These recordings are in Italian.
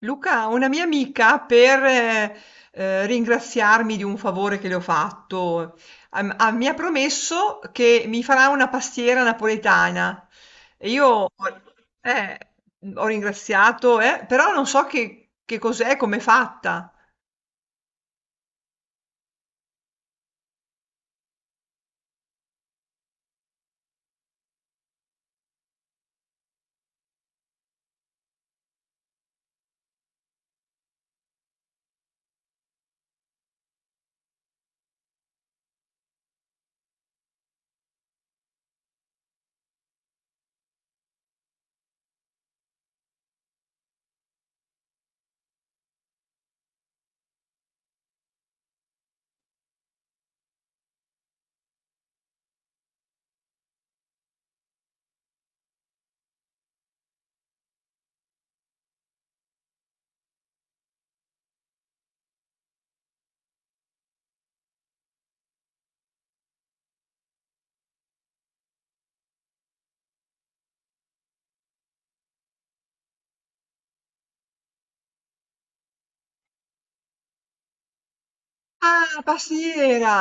Luca, una mia amica per ringraziarmi di un favore che le ho fatto, mi ha promesso che mi farà una pastiera napoletana. E io eh, ho ringraziato, però non so che cos'è, come è fatta. Ah, pastiera!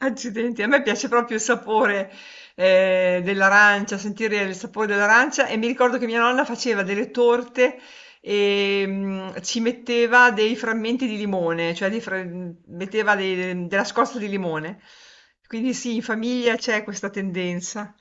Accidenti, a me piace proprio il sapore, dell'arancia, sentire il sapore dell'arancia e mi ricordo che mia nonna faceva delle torte e ci metteva dei frammenti di limone, cioè metteva della scorza di limone. Quindi sì, in famiglia c'è questa tendenza.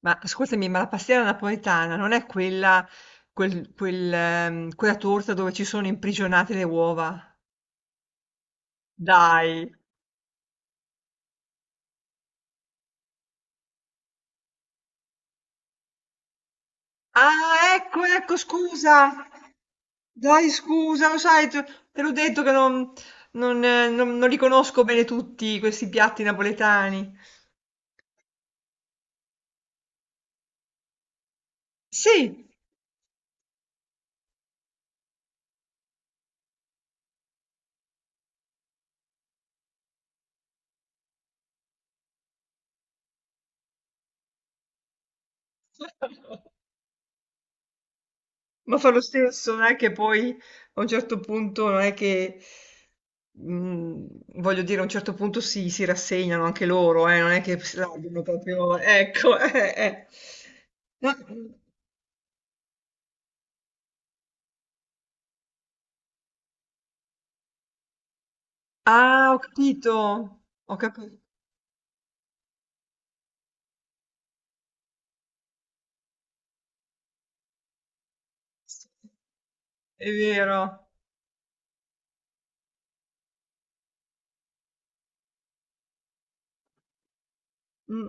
Ma ascoltami, ma la pastiera napoletana non è quella, quella torta dove ci sono imprigionate le uova? Dai. Ah, ecco, ecco, scusa. Dai, scusa, lo sai, te l'ho detto che non li conosco bene tutti questi piatti napoletani. Sì, ma fa lo stesso, non è che poi a un certo punto, non è che, mm, voglio dire, a un certo punto si rassegnano anche loro, non è che se l'abbiano proprio, ecco. No. Ah, ho capito, è vero. Mh.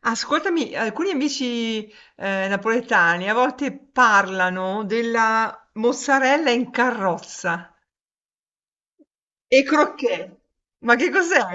Ascoltami, alcuni amici, napoletani a volte parlano della mozzarella in carrozza e croquet. Ma che cos'è?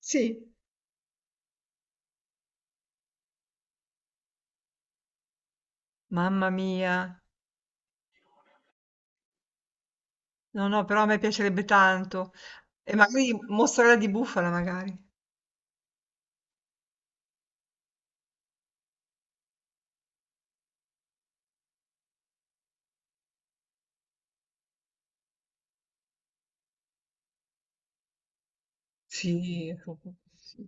Sì. Mamma mia. No, no, però a me piacerebbe tanto. E magari mozzarella di bufala magari. Sì, sì.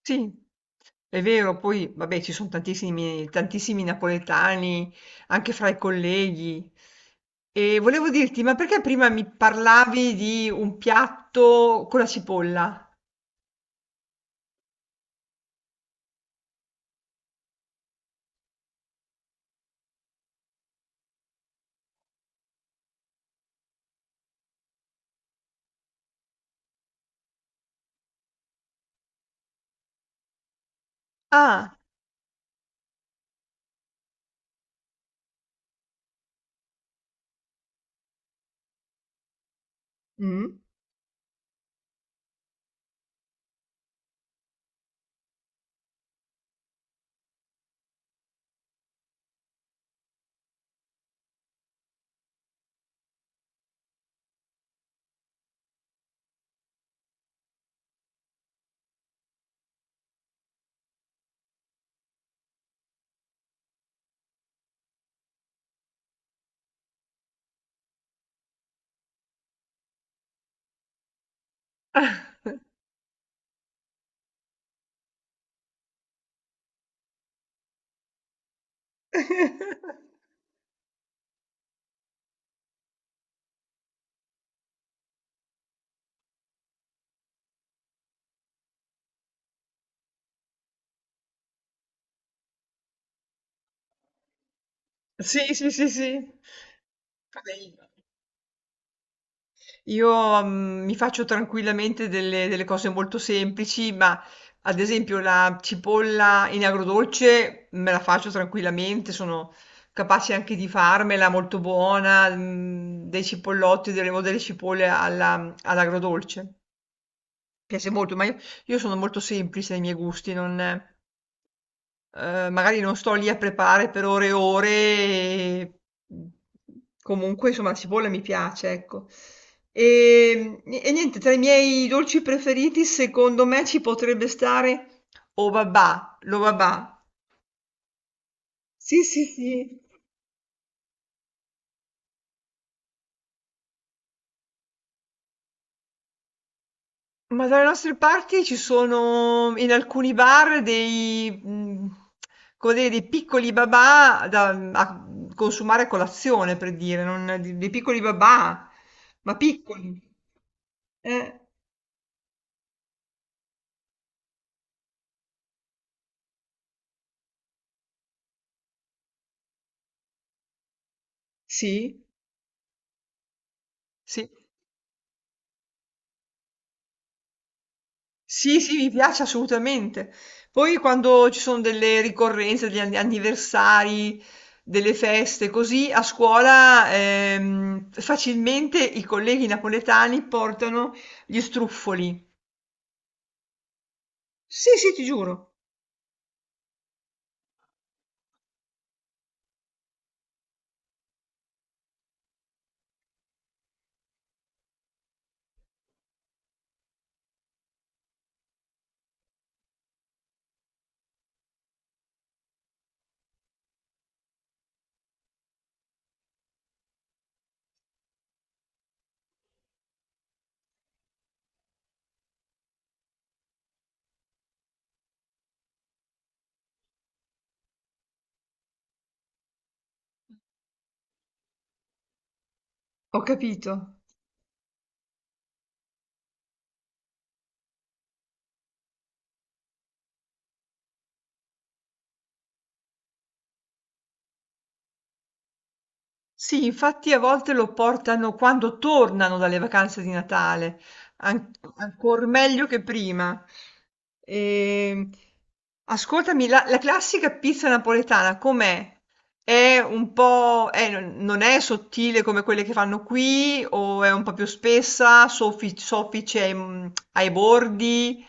Sì, è vero, poi vabbè ci sono tantissimi, tantissimi napoletani anche fra i colleghi. E volevo dirti, ma perché prima mi parlavi di un piatto con la cipolla? Ah, mm. Sì, sì, sì, sì. Vabbè, io, mhmm, mi faccio tranquillamente delle cose molto semplici, ma ad esempio la cipolla in agrodolce me la faccio tranquillamente, sono capace anche di farmela molto buona, mhmm, dei cipollotti o delle cipolle alla all'agrodolce. Mi piace molto, ma io sono molto semplice nei miei gusti, non. Magari non sto lì a preparare per ore e ore e mhmm, comunque insomma la cipolla mi piace, ecco. Ni e niente, tra i miei dolci preferiti secondo me ci potrebbe stare o babà, lo babà. Sì, sì, sì. Ma dalle nostre parti ci sono in alcuni bar dei, mm, come dire, dei piccoli babà da a consumare a colazione, per dire, dei piccoli babà, ma piccoli. Eh, sì, sì, sì, sì, mi piace assolutamente. Poi quando ci sono delle ricorrenze, anniversari, delle feste, così a scuola facilmente i colleghi napoletani portano gli struffoli. Sì, sì, ti giuro. Ho capito. Sì, infatti a volte lo portano quando tornano dalle vacanze di Natale, an- ancor meglio che prima. Ehm, Ascoltami, la classica pizza napoletana com'è? È un po', non è sottile come quelle che fanno qui, o è un po' più spessa, soffice ai, ai bordi?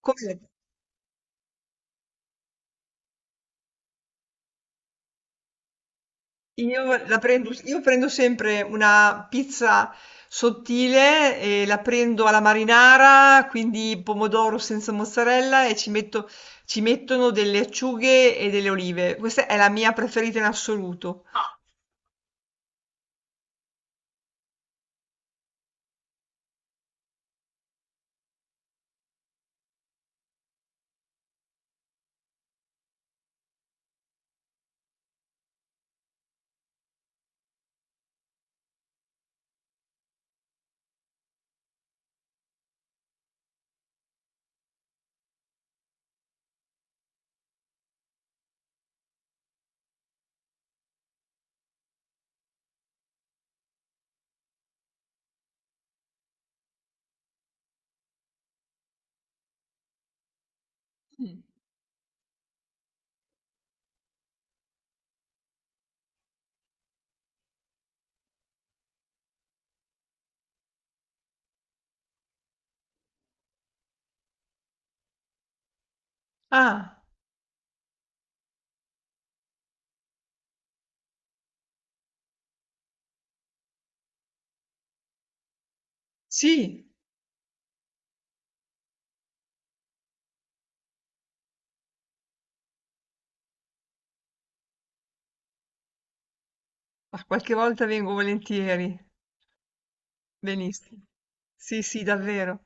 Com'è? Io la prendo, io prendo sempre una pizza sottile e la prendo alla marinara, quindi pomodoro senza mozzarella e ci metto, ci mettono delle acciughe e delle olive. Questa è la mia preferita in assoluto. Mm. Ah, sì, ma qualche volta vengo volentieri. Benissimo. Sì, sì, davvero.